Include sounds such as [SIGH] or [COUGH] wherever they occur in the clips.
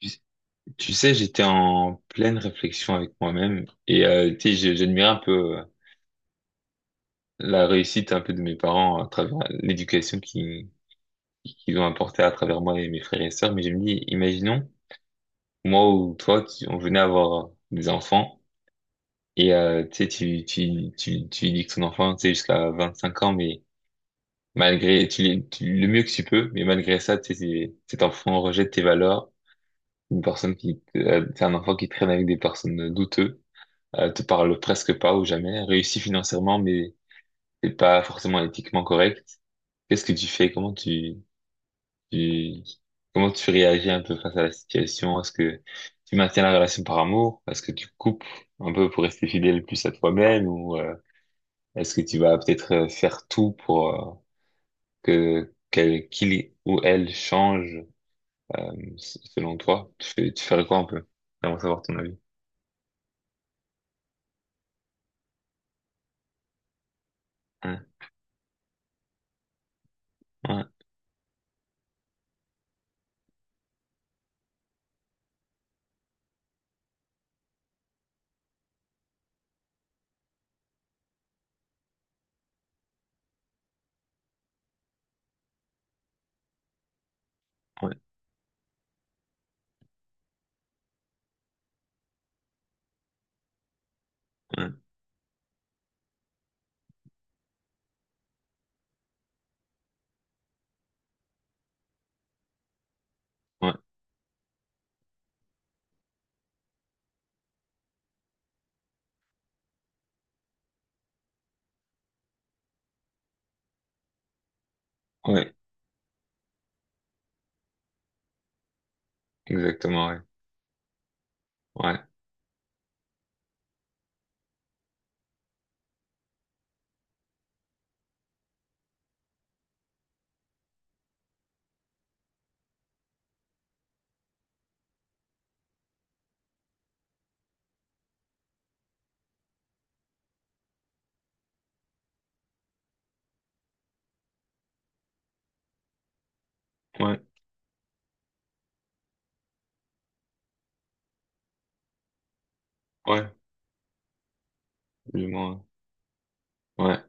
Tu tu sais, j'étais en pleine réflexion avec moi-même et tu sais, j'admirais un peu la réussite un peu de mes parents à travers l'éducation qui qu'ils ont apportée à travers moi et mes frères et sœurs. Mais je me dis, imaginons moi ou toi, on venait avoir des enfants et tu sais, tu dis que ton enfant, tu sais, jusqu'à 25 ans, mais tu le mieux que tu peux, mais malgré ça, tu sais, cet enfant rejette tes valeurs. Une personne qui, c'est un enfant qui traîne avec des personnes douteuses. Te parle presque pas ou jamais, réussis financièrement, mais c'est pas forcément éthiquement correct. Qu'est-ce que tu fais? Tu, comment tu réagis un peu face à la situation? Est-ce que tu maintiens la relation par amour? Est-ce que tu coupes un peu pour rester fidèle plus à toi-même, ou est-ce que tu vas peut-être faire tout pour qu'il ou elle change euh, selon toi? Tu ferais quoi un peu? J'aimerais savoir ton avis. Ouais, ouais, ouais, ouais, ouais, ouais, exactement, ouais, ouais. Ouais. Ouais, du moins. Ouais,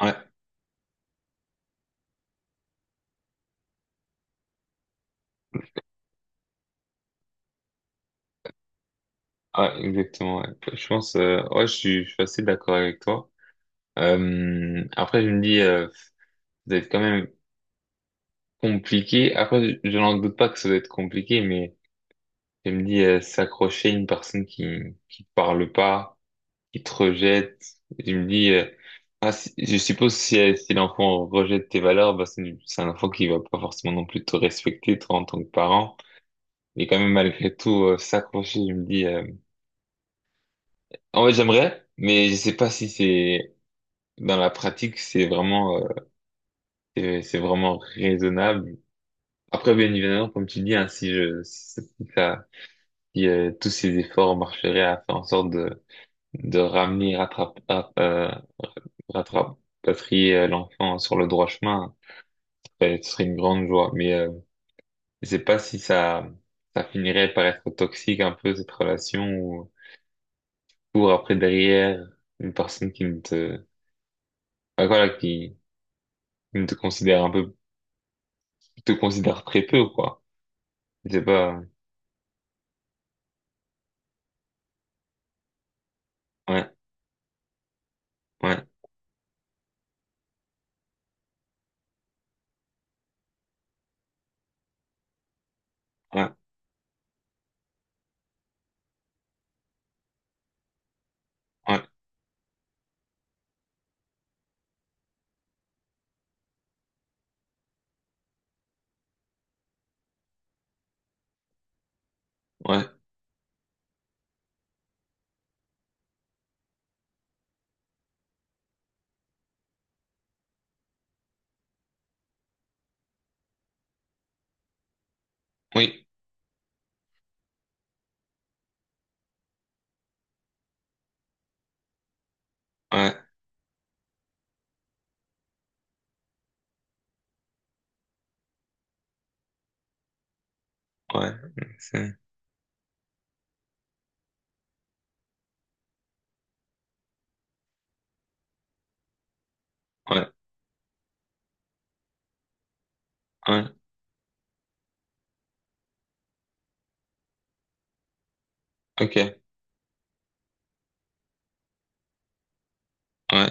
ouais, ouais, ouais, exactement. Ouais. Je pense, ouais, je suis assez d'accord avec toi. Après, je me dis, ça va être quand même compliqué. Après, je n'en doute pas que ça va être compliqué, mais je me dis, s'accrocher à une personne qui te parle pas, qui te rejette. Je me dis, je suppose si, si l'enfant rejette tes valeurs, bah, c'est un enfant qui va pas forcément non plus te respecter, toi, en tant que parent. Mais quand même, malgré tout, s'accrocher, je me dis. En fait, j'aimerais, mais je sais pas si c'est dans la pratique, c'est vraiment, c'est vraiment raisonnable. Après, bien évidemment, comme tu dis, hein, si ça, si, tous ces efforts marcheraient à faire en sorte de ramener, rattrape, rapatrier l'enfant sur le droit chemin, ben, ce serait une grande joie. Mais je sais pas si ça, ça finirait par être toxique un peu, cette relation, ou pour après derrière une personne qui ne te, ben, voilà, qui ne te considère un peu, te considères très peu, ou quoi. Je sais pas. Ouais, ouais, ouais, ouais, ouais, oui, ouais, ouais, c'est- ouais, ouais, ok, ouais.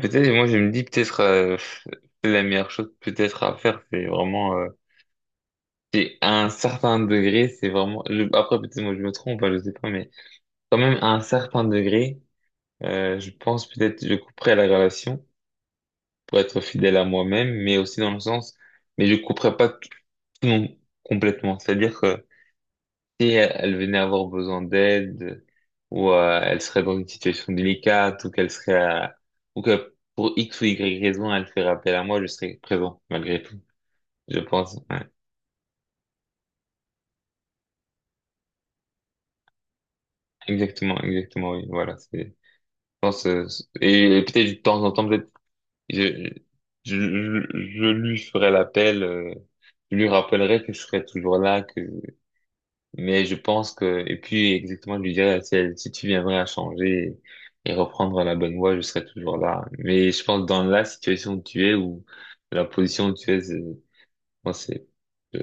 Peut-être, moi, je me dis, peut-être, c'est la meilleure chose, peut-être, à faire, c'est vraiment, c'est à un certain degré, c'est vraiment, après, peut-être, moi, je me trompe, hein, je sais pas, mais quand même, à un certain degré, je pense, peut-être, je couperai la relation pour être fidèle à moi-même, mais aussi dans le sens, mais je couperai pas tout, tout non- complètement. C'est-à-dire que, si elle, venait avoir besoin d'aide, ou elle serait dans une situation délicate, ou qu'elle serait à- ou que pour X ou Y raison, elle ferait appel à moi, je serais présent, malgré tout. Je pense, ouais. Exactement, exactement, oui, voilà, c'est, pense, euh, et peut-être de temps en temps, peut-être, je, je lui ferai l'appel, je lui rappellerai que je serai toujours là, que mais je pense que, et puis exactement, je lui dirais, si tu viendrais à changer et reprendre la bonne voie, je serais toujours là. Mais je pense dans la situation où tu es, ou la position où tu es, c'est- moi, c'est, je,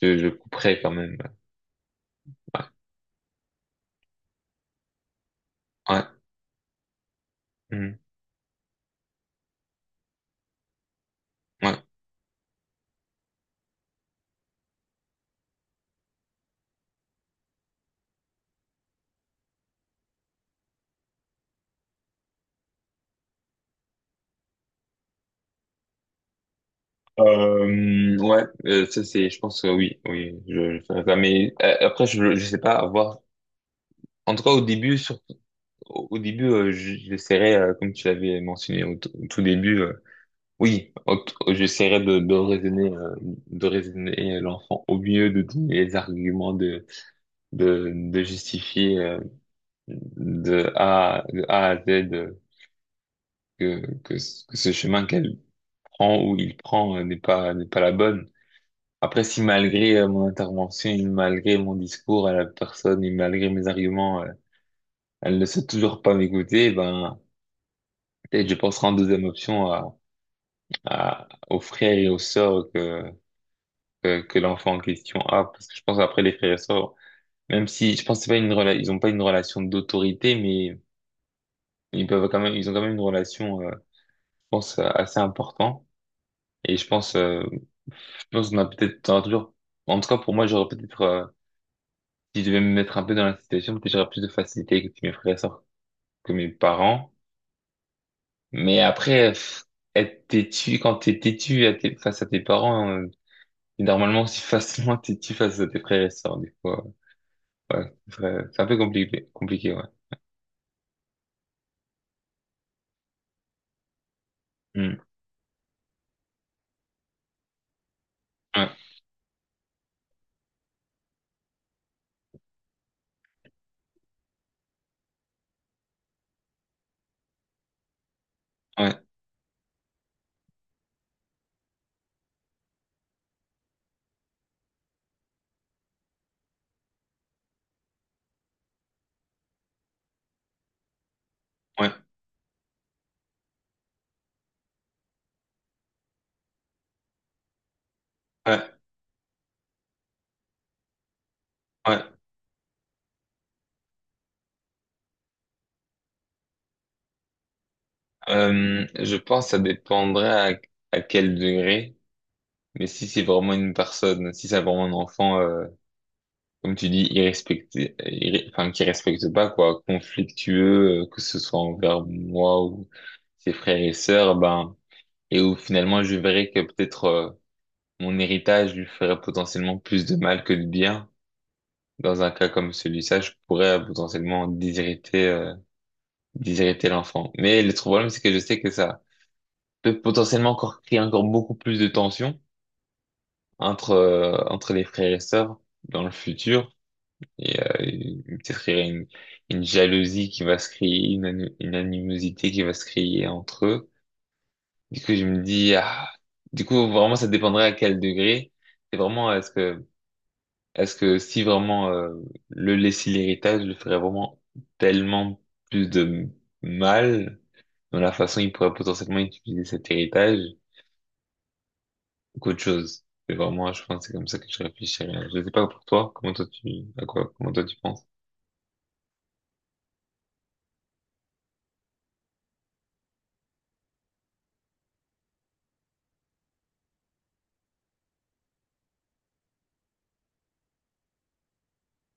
je couperais quand même. Ouais. Ouais. Mm. Ouais. Ouais, je pense que oui, oui, je ferais ça. Mais après, je sais pas, à voir. En tout cas, au début, sur, au début, j'essaierais, comme tu l'avais mentionné au, au tout début, oui, ok, j'essaierai de raisonner l'enfant au mieux, de donner les arguments, de justifier de A à Z que ce chemin qu'elle prend ou il prend n'est pas la bonne. Après, si malgré mon intervention, et malgré mon discours à la personne et malgré mes arguments, elle ne sait toujours pas m'écouter, ben, peut-être je penserai en deuxième option à, aux frères et aux sœurs que l'enfant en question a, parce que je pense après les frères et sœurs, même si je pense que c'est pas une rela- ils ont pas une relation d'autorité, mais ils peuvent quand même, ils ont quand même une relation, je pense, assez importante. Et je pense qu'on a peut-être, t'auras toujours, en tout cas pour moi, j'aurais peut-être, si je devais me mettre un peu dans la situation, peut-être j'aurais plus de facilité avec mes frères et sœurs que mes parents. Mais après, pff, être têtu, quand t'es têtu à face à tes parents, t'es normalement, si [LAUGHS] facilement têtu face à tes frères et sœurs, des fois, ouais, c'est vrai, c'est un peu compliqué, compliqué, ouais. Hmm. Ouais, ouais, ouais, ouais, ouais. Je pense que ça dépendrait à, à quel degré, mais si c'est vraiment une personne, si c'est vraiment un enfant, comme tu dis, enfin, qui respecte pas, quoi, conflictueux, que ce soit envers moi ou ses frères et sœurs, ben, et où finalement je verrais que peut-être mon héritage lui ferait potentiellement plus de mal que de bien. Dans un cas comme celui-là, je pourrais potentiellement déshériter l'enfant. Mais le problème, c'est que je sais que ça peut potentiellement encore créer encore beaucoup plus de tensions entre, entre les frères et sœurs dans le futur. Et peut-être qu'il y a une jalousie qui va se créer, une animosité qui va se créer entre eux. Du coup, je me dis, ah, du coup, vraiment, ça dépendrait à quel degré. C'est vraiment, est-ce que si vraiment le laisser l'héritage, le ferait vraiment tellement plus de mal dans la façon il pourrait potentiellement utiliser cet héritage qu'autre chose. C'est vraiment, je pense, c'est comme ça que je réfléchirais. Je sais pas pour toi, comment toi tu penses?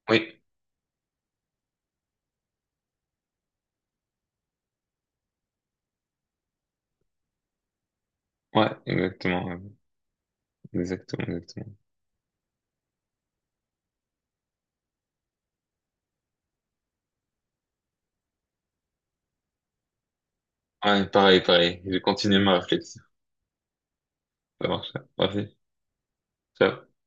Oui, ouais, exactement, ouais. Exactement, exactement. Ouais, pareil, pareil. Je continue ma réflexion. Ça marche, ouais. Parfait. Ciao.